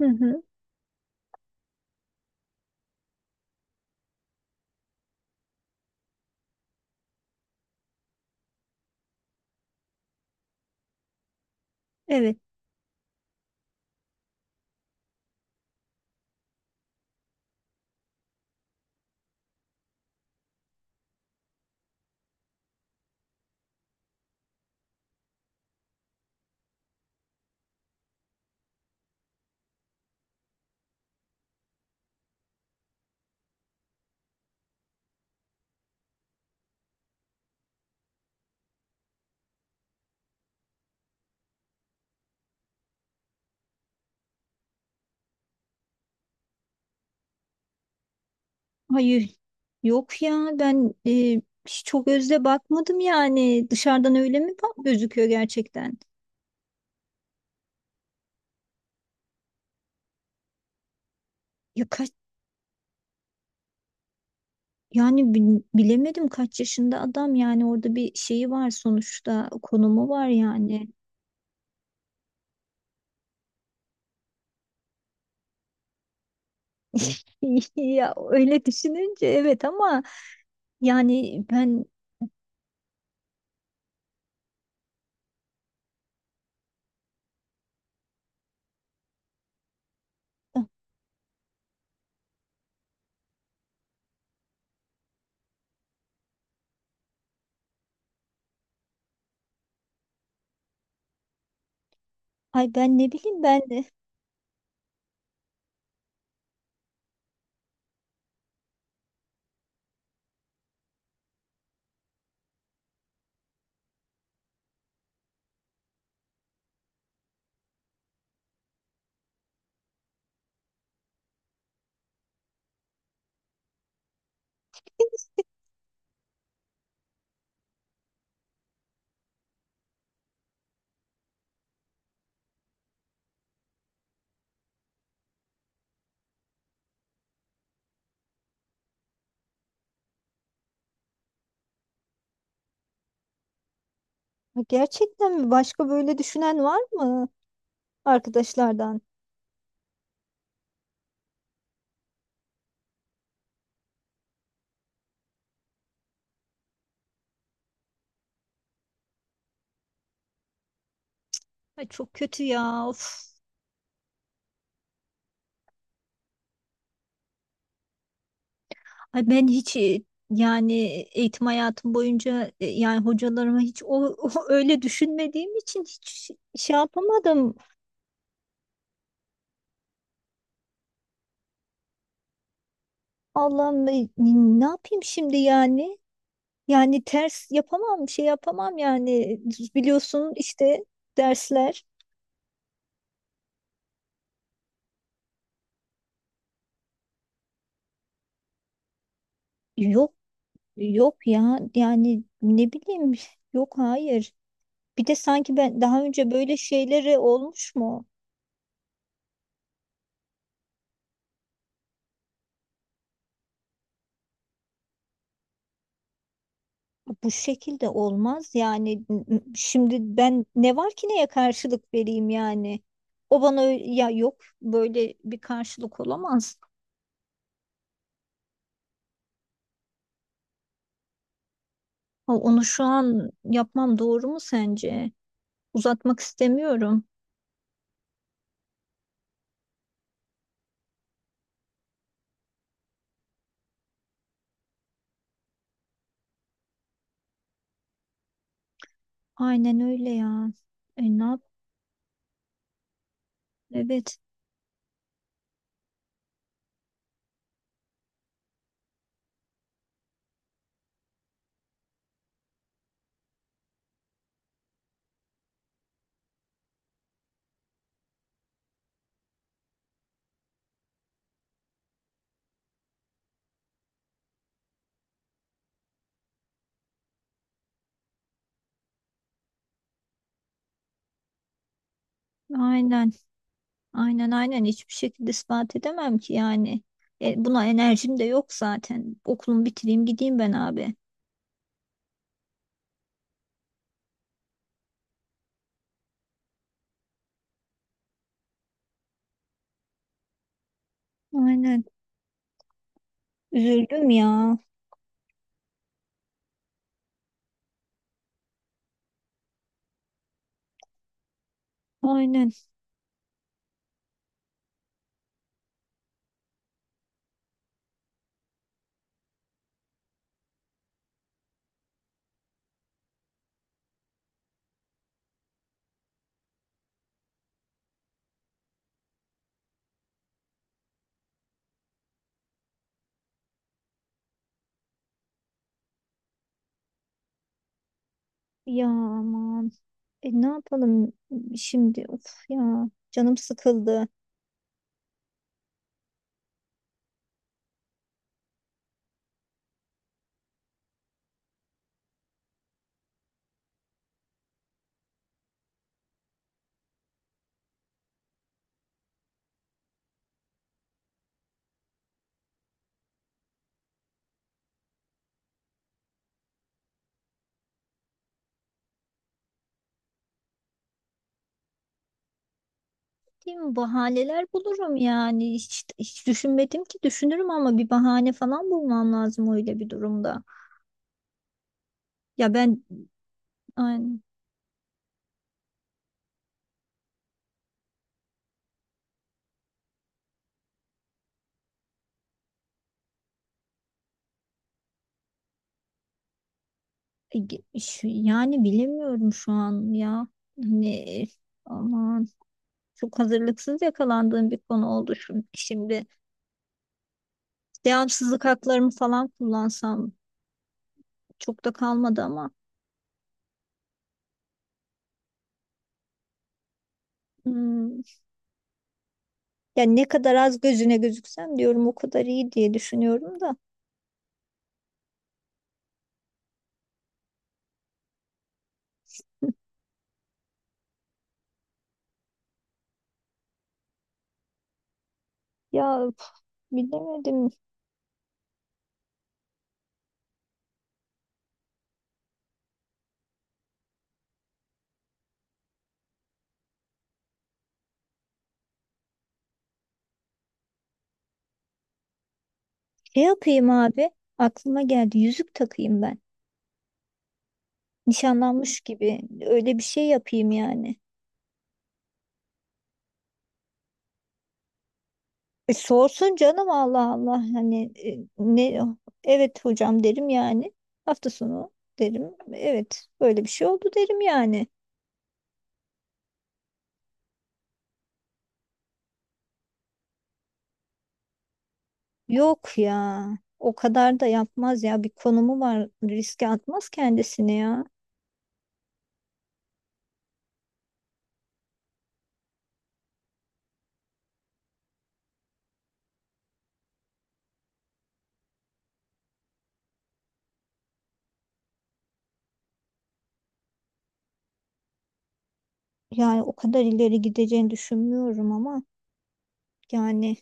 Hı hı. Evet. Hayır. Yok ya ben hiç çok özle bakmadım yani. Dışarıdan öyle mi bak gözüküyor gerçekten? Ya kaç yani bilemedim kaç yaşında adam yani orada bir şeyi var sonuçta konumu var yani. Ya öyle düşününce evet ama yani ben ay ben ne bileyim ben de gerçekten mi başka böyle düşünen var mı arkadaşlardan? Ay çok kötü ya. Of. Ay ben hiç yani eğitim hayatım boyunca yani hocalarıma hiç o, öyle düşünmediğim için hiç şey yapamadım. Allah'ım ne yapayım şimdi yani? Yani ters yapamam, şey yapamam yani. Biliyorsun işte dersler yok yok ya yani ne bileyim yok hayır. Bir de sanki ben daha önce böyle şeyleri olmuş mu? Bu şekilde olmaz yani şimdi ben ne var ki neye karşılık vereyim yani o bana ö- ya yok böyle bir karşılık olamaz. Ha, onu şu an yapmam doğru mu sence? Uzatmak istemiyorum. Aynen öyle ya. E, ne yap? Evet. Aynen aynen aynen, hiçbir şekilde ispat edemem ki yani. E, buna enerjim de yok zaten okulumu bitireyim gideyim ben abi. Aynen. Üzüldüm ya. Aynen ya. Aman, ne yapalım şimdi? Of ya canım sıkıldı. Değil mi? Bahaneler bulurum yani. Hiç, hiç düşünmedim ki düşünürüm ama bir bahane falan bulmam lazım öyle bir durumda. Ya ben yani, e, yani bilemiyorum şu an ya. Hani aman çok hazırlıksız yakalandığım bir konu oldu şimdi. Devamsızlık haklarımı falan kullansam çok da kalmadı ama. Hmm. Yani ne kadar az gözüne gözüksem diyorum o kadar iyi diye düşünüyorum da. Ya üf, bilemedim. Şey yapayım abi. Aklıma geldi. Yüzük takayım ben. Nişanlanmış gibi. Öyle bir şey yapayım yani. E, sorsun canım Allah Allah. Hani ne evet hocam derim yani. Hafta sonu derim. Evet böyle bir şey oldu derim yani. Yok ya. O kadar da yapmaz ya. Bir konumu var. Riske atmaz kendisini ya. Yani o kadar ileri gideceğini düşünmüyorum ama yani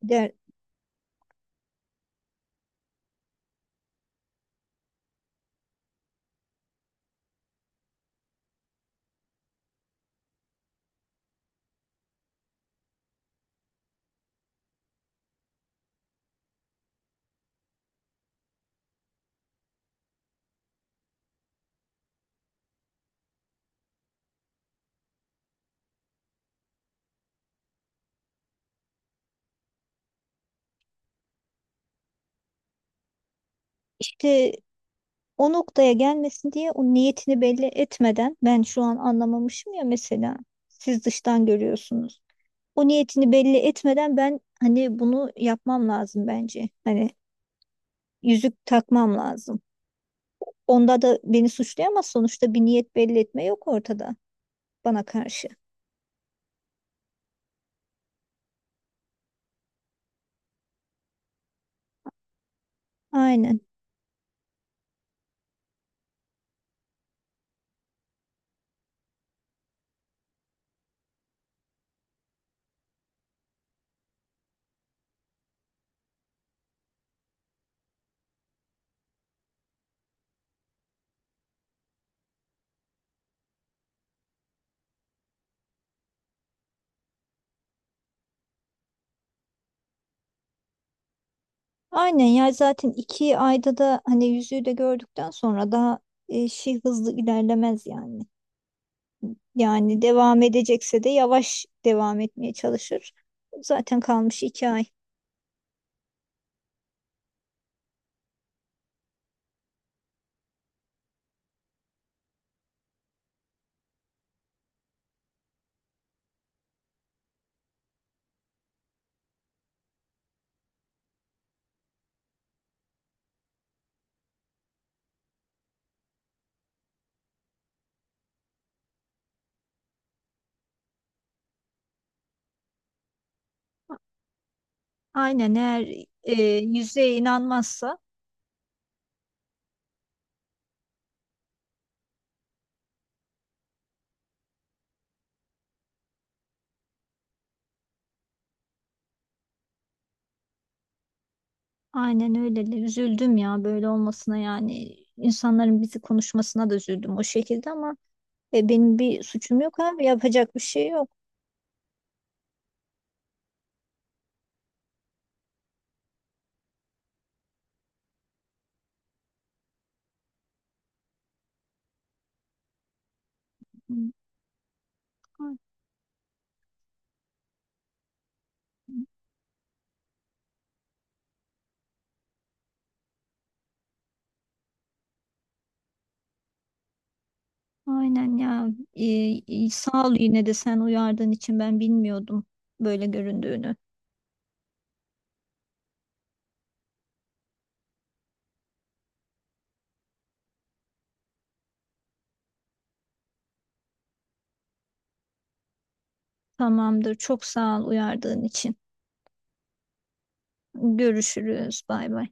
der, işte o noktaya gelmesin diye o niyetini belli etmeden ben şu an anlamamışım ya mesela siz dıştan görüyorsunuz. O niyetini belli etmeden ben hani bunu yapmam lazım bence. Hani yüzük takmam lazım. Onda da beni suçlayamaz sonuçta bir niyet belli etme yok ortada bana karşı. Aynen. Aynen ya zaten 2 ayda da hani yüzüğü de gördükten sonra daha şey hızlı ilerlemez yani. Yani devam edecekse de yavaş devam etmeye çalışır. Zaten kalmış 2 ay. Aynen eğer yüzüğe inanmazsa aynen öyle de üzüldüm ya böyle olmasına yani insanların bizi konuşmasına da üzüldüm o şekilde ama benim bir suçum yok abi yapacak bir şey yok. Aynen ya. Ee, sağ ol yine de sen uyardığın için ben bilmiyordum böyle göründüğünü. Tamamdır. Çok sağ ol uyardığın için. Görüşürüz. Bay bay.